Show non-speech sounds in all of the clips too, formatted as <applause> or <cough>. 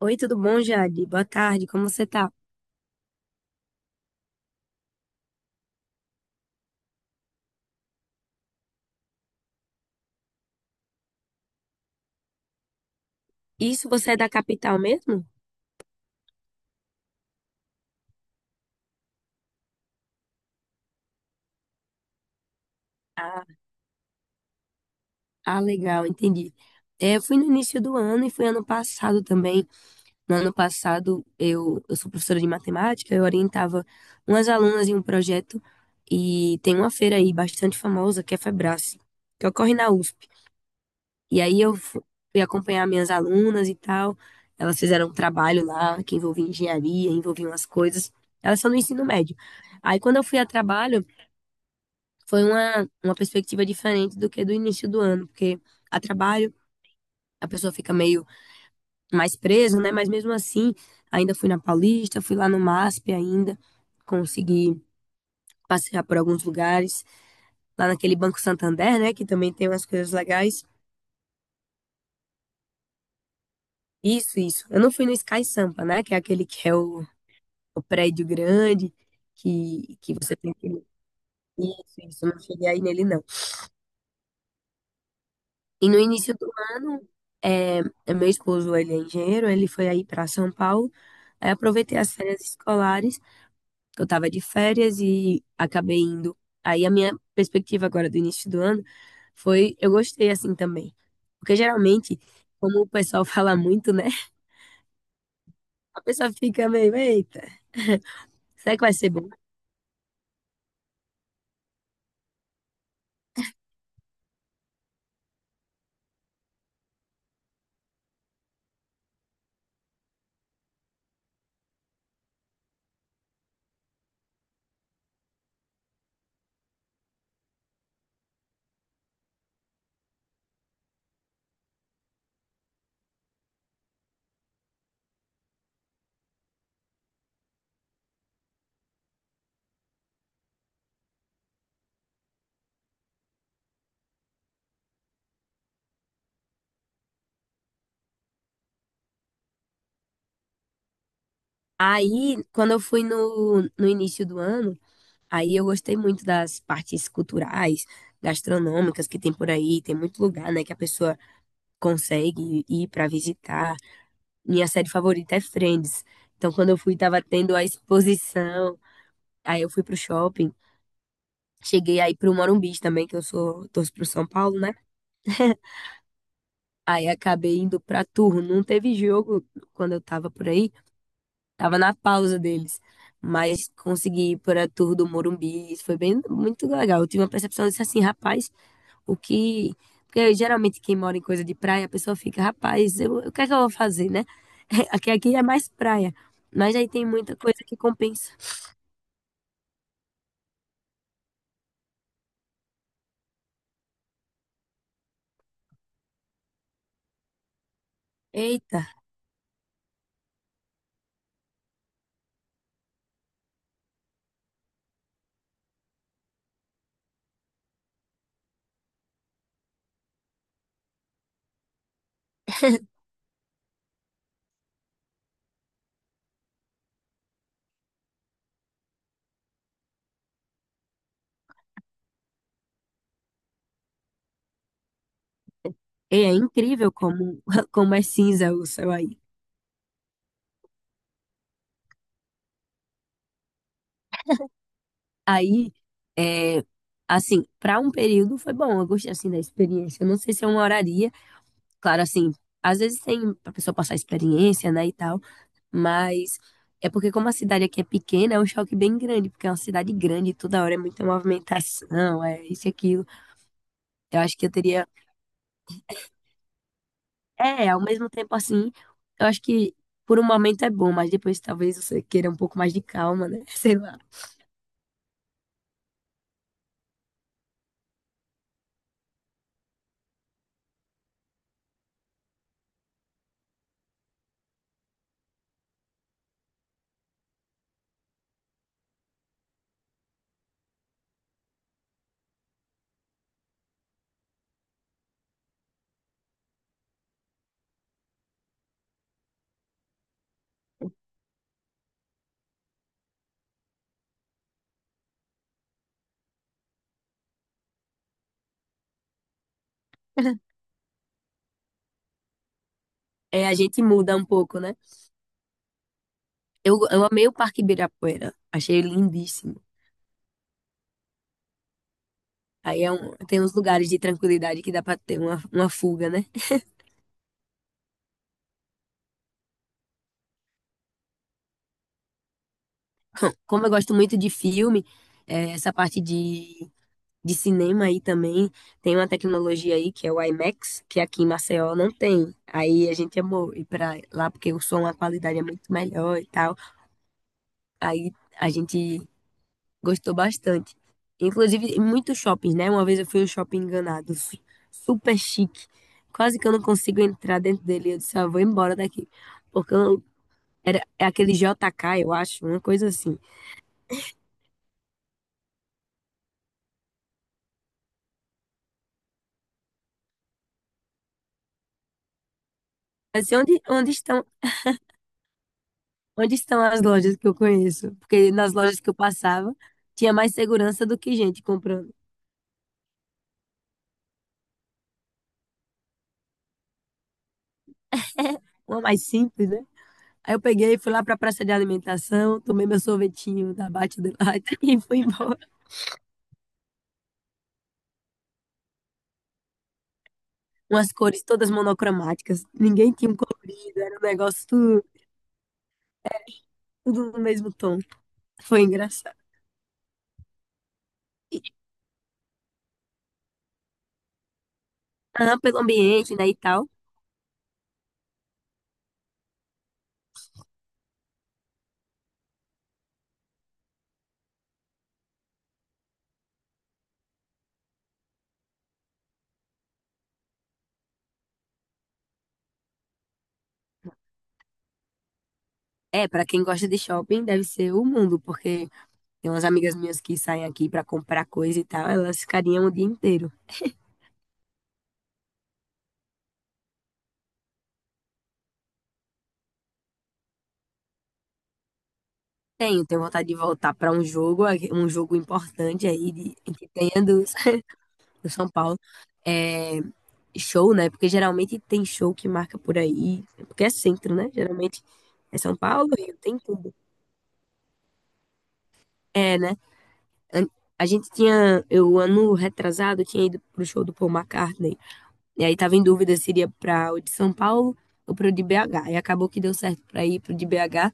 Oi, tudo bom, Jade? Boa tarde, como você tá? Isso, você é da capital mesmo? Ah, ah, legal, entendi. É, eu fui no início do ano e fui ano passado também. No ano passado, eu sou professora de matemática, eu orientava umas alunas em um projeto e tem uma feira aí bastante famosa, que é a Febrace, que ocorre na USP. E aí fui acompanhar minhas alunas e tal. Elas fizeram um trabalho lá que envolvia engenharia, envolvia umas coisas. Elas são do ensino médio. Aí quando eu fui a trabalho, foi uma perspectiva diferente do que do início do ano, porque a trabalho a pessoa fica meio mais presa, né? Mas mesmo assim, ainda fui na Paulista, fui lá no MASP ainda, consegui passear por alguns lugares, lá naquele Banco Santander, né? Que também tem umas coisas legais. Isso, isso. Eu não fui no Sky Sampa, né? Que é aquele o prédio grande, que você tem que. Isso, isso. Eu não cheguei aí nele, não. E no início do ano, é, meu esposo, ele é engenheiro, ele foi aí para São Paulo. Aí aproveitei as férias escolares, que eu estava de férias e acabei indo. Aí a minha perspectiva agora do início do ano foi, eu gostei assim também. Porque geralmente, como o pessoal <laughs> fala muito, né? A pessoa fica meio, eita, será que vai ser bom? Aí, quando eu fui no início do ano, aí eu gostei muito das partes culturais, gastronômicas que tem por aí, tem muito lugar, né, que a pessoa consegue ir para visitar. Minha série favorita é Friends. Então, quando eu fui, tava tendo a exposição. Aí eu fui pro shopping. Cheguei aí pro Morumbi também, que eu sou, torço pro São Paulo, né? <laughs> Aí acabei indo pra Turro. Não teve jogo quando eu tava por aí. Tava na pausa deles. Mas consegui ir pra Turro do Morumbi. Isso foi bem, muito legal. Eu tive uma percepção disso assim, rapaz, o que. Porque geralmente quem mora em coisa de praia, a pessoa fica, rapaz, eu, o que é que eu vou fazer, né? <laughs> Aqui, aqui é mais praia. Mas aí tem muita coisa que compensa. Eita, é incrível como, <laughs> como é cinza o céu aí. Aí, é, assim, para um período foi bom, eu gostei assim da experiência. Eu não sei se eu moraria. Claro, assim, às vezes tem pra pessoa passar experiência, né, e tal. Mas é porque como a cidade aqui é pequena, é um choque bem grande, porque é uma cidade grande, toda hora é muita movimentação, é isso e aquilo. Eu acho que eu teria. É, ao mesmo tempo assim, eu acho que por um momento é bom, mas depois talvez você queira um pouco mais de calma, né? <laughs> Sei lá. É, a gente muda um pouco, né? Eu amei o Parque Ibirapuera, achei lindíssimo. Aí é um, tem uns lugares de tranquilidade que dá pra ter uma fuga, né? Como eu gosto muito de filme, é, essa parte de cinema aí também. Tem uma tecnologia aí que é o IMAX, que aqui em Maceió não tem. Aí a gente amou ir pra lá porque o som, a qualidade é muito melhor e tal. Aí a gente gostou bastante. Inclusive, em muitos shoppings, né? Uma vez eu fui no shopping enganado, super chique. Quase que eu não consigo entrar dentro dele. Eu disse, ah, vou embora daqui. Porque eu não- era, é aquele JK, eu acho, uma coisa assim. Mas Onde estão as lojas que eu conheço? Porque nas lojas que eu passava, tinha mais segurança do que gente comprando. Uma mais simples, né? Aí eu peguei, fui lá pra praça de alimentação, tomei meu sorvetinho da Bate de Latte <laughs> e fui embora. Umas cores todas monocromáticas. Ninguém tinha um colorido, era um negócio tudo, tudo no mesmo tom. Foi engraçado. E, ah, pelo ambiente, né, e tal. É, pra quem gosta de shopping, deve ser o mundo, porque tem umas amigas minhas que saem aqui pra comprar coisa e tal, elas ficariam o dia inteiro. Tenho, tenho vontade de voltar para um jogo importante aí de, que tenha do, <laughs> do São Paulo. É, show, né? Porque geralmente tem show que marca por aí, porque é centro, né? Geralmente é São Paulo, Rio, tem tudo. É, né? An- A gente tinha, eu ano retrasado, tinha ido pro show do Paul McCartney. E aí tava em dúvida se iria para o de São Paulo ou pro de BH. E acabou que deu certo para ir pro de BH.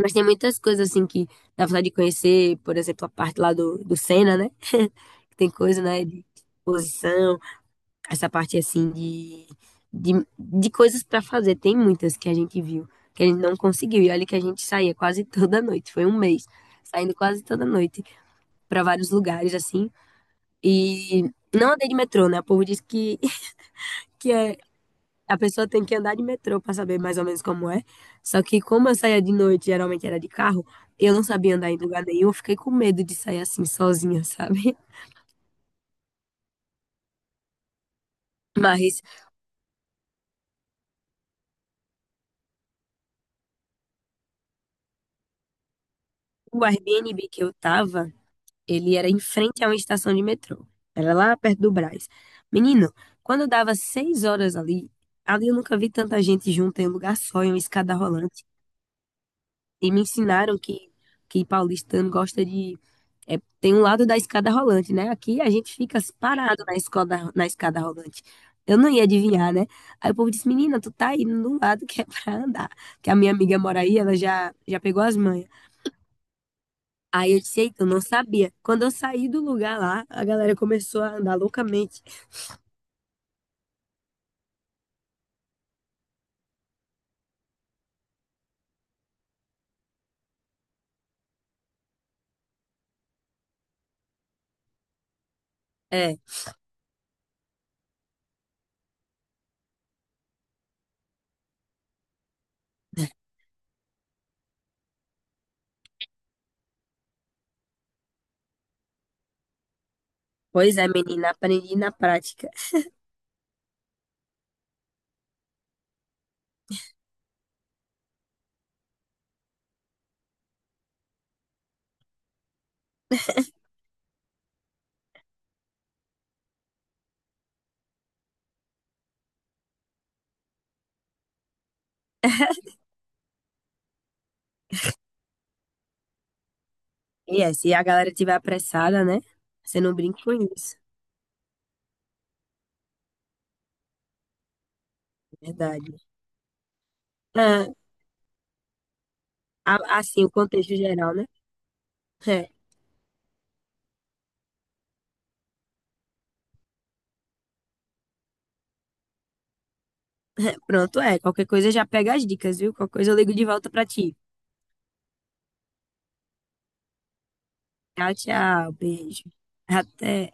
Mas tem muitas coisas assim que dá vontade de conhecer, por exemplo, a parte lá do Senna, né? <laughs> que tem coisa, né, de exposição, essa parte assim de, de coisas para fazer. Tem muitas que a gente viu, que a gente não conseguiu. E olha que a gente saía quase toda noite, foi um mês, saindo quase toda noite para vários lugares assim. E não andei de metrô, né? O povo diz que, <laughs> que é a pessoa tem que andar de metrô para saber mais ou menos como é. Só que como eu saía de noite, geralmente era de carro, eu não sabia andar em lugar nenhum, eu fiquei com medo de sair assim sozinha, <laughs> sabe? Mas o Airbnb que eu tava, ele era em frente a uma estação de metrô. Era lá perto do Brás. Menino, quando dava 6 horas ali, ali eu nunca vi tanta gente junta em um lugar só, em uma escada rolante. E me ensinaram que paulistano gosta de. É, tem um lado da escada rolante, né? Aqui a gente fica parado na escola, na escada rolante. Eu não ia adivinhar, né? Aí o povo disse: Menina, tu tá indo num lado que é <laughs> pra andar. Que a minha amiga mora aí, ela já, já pegou as manhas. Aí eu disse: Eita, eu não sabia. Quando eu saí do lugar lá, a galera começou a andar loucamente. É, pois é, menina, aprendi na prática. E é, se a galera tiver apressada, né? Você não brinca com isso, é verdade. Ah, Assim, o contexto geral, né? É. <laughs> Pronto, é. Qualquer coisa já pega as dicas, viu? Qualquer coisa eu ligo de volta pra ti. Tchau, tchau. Beijo. Até.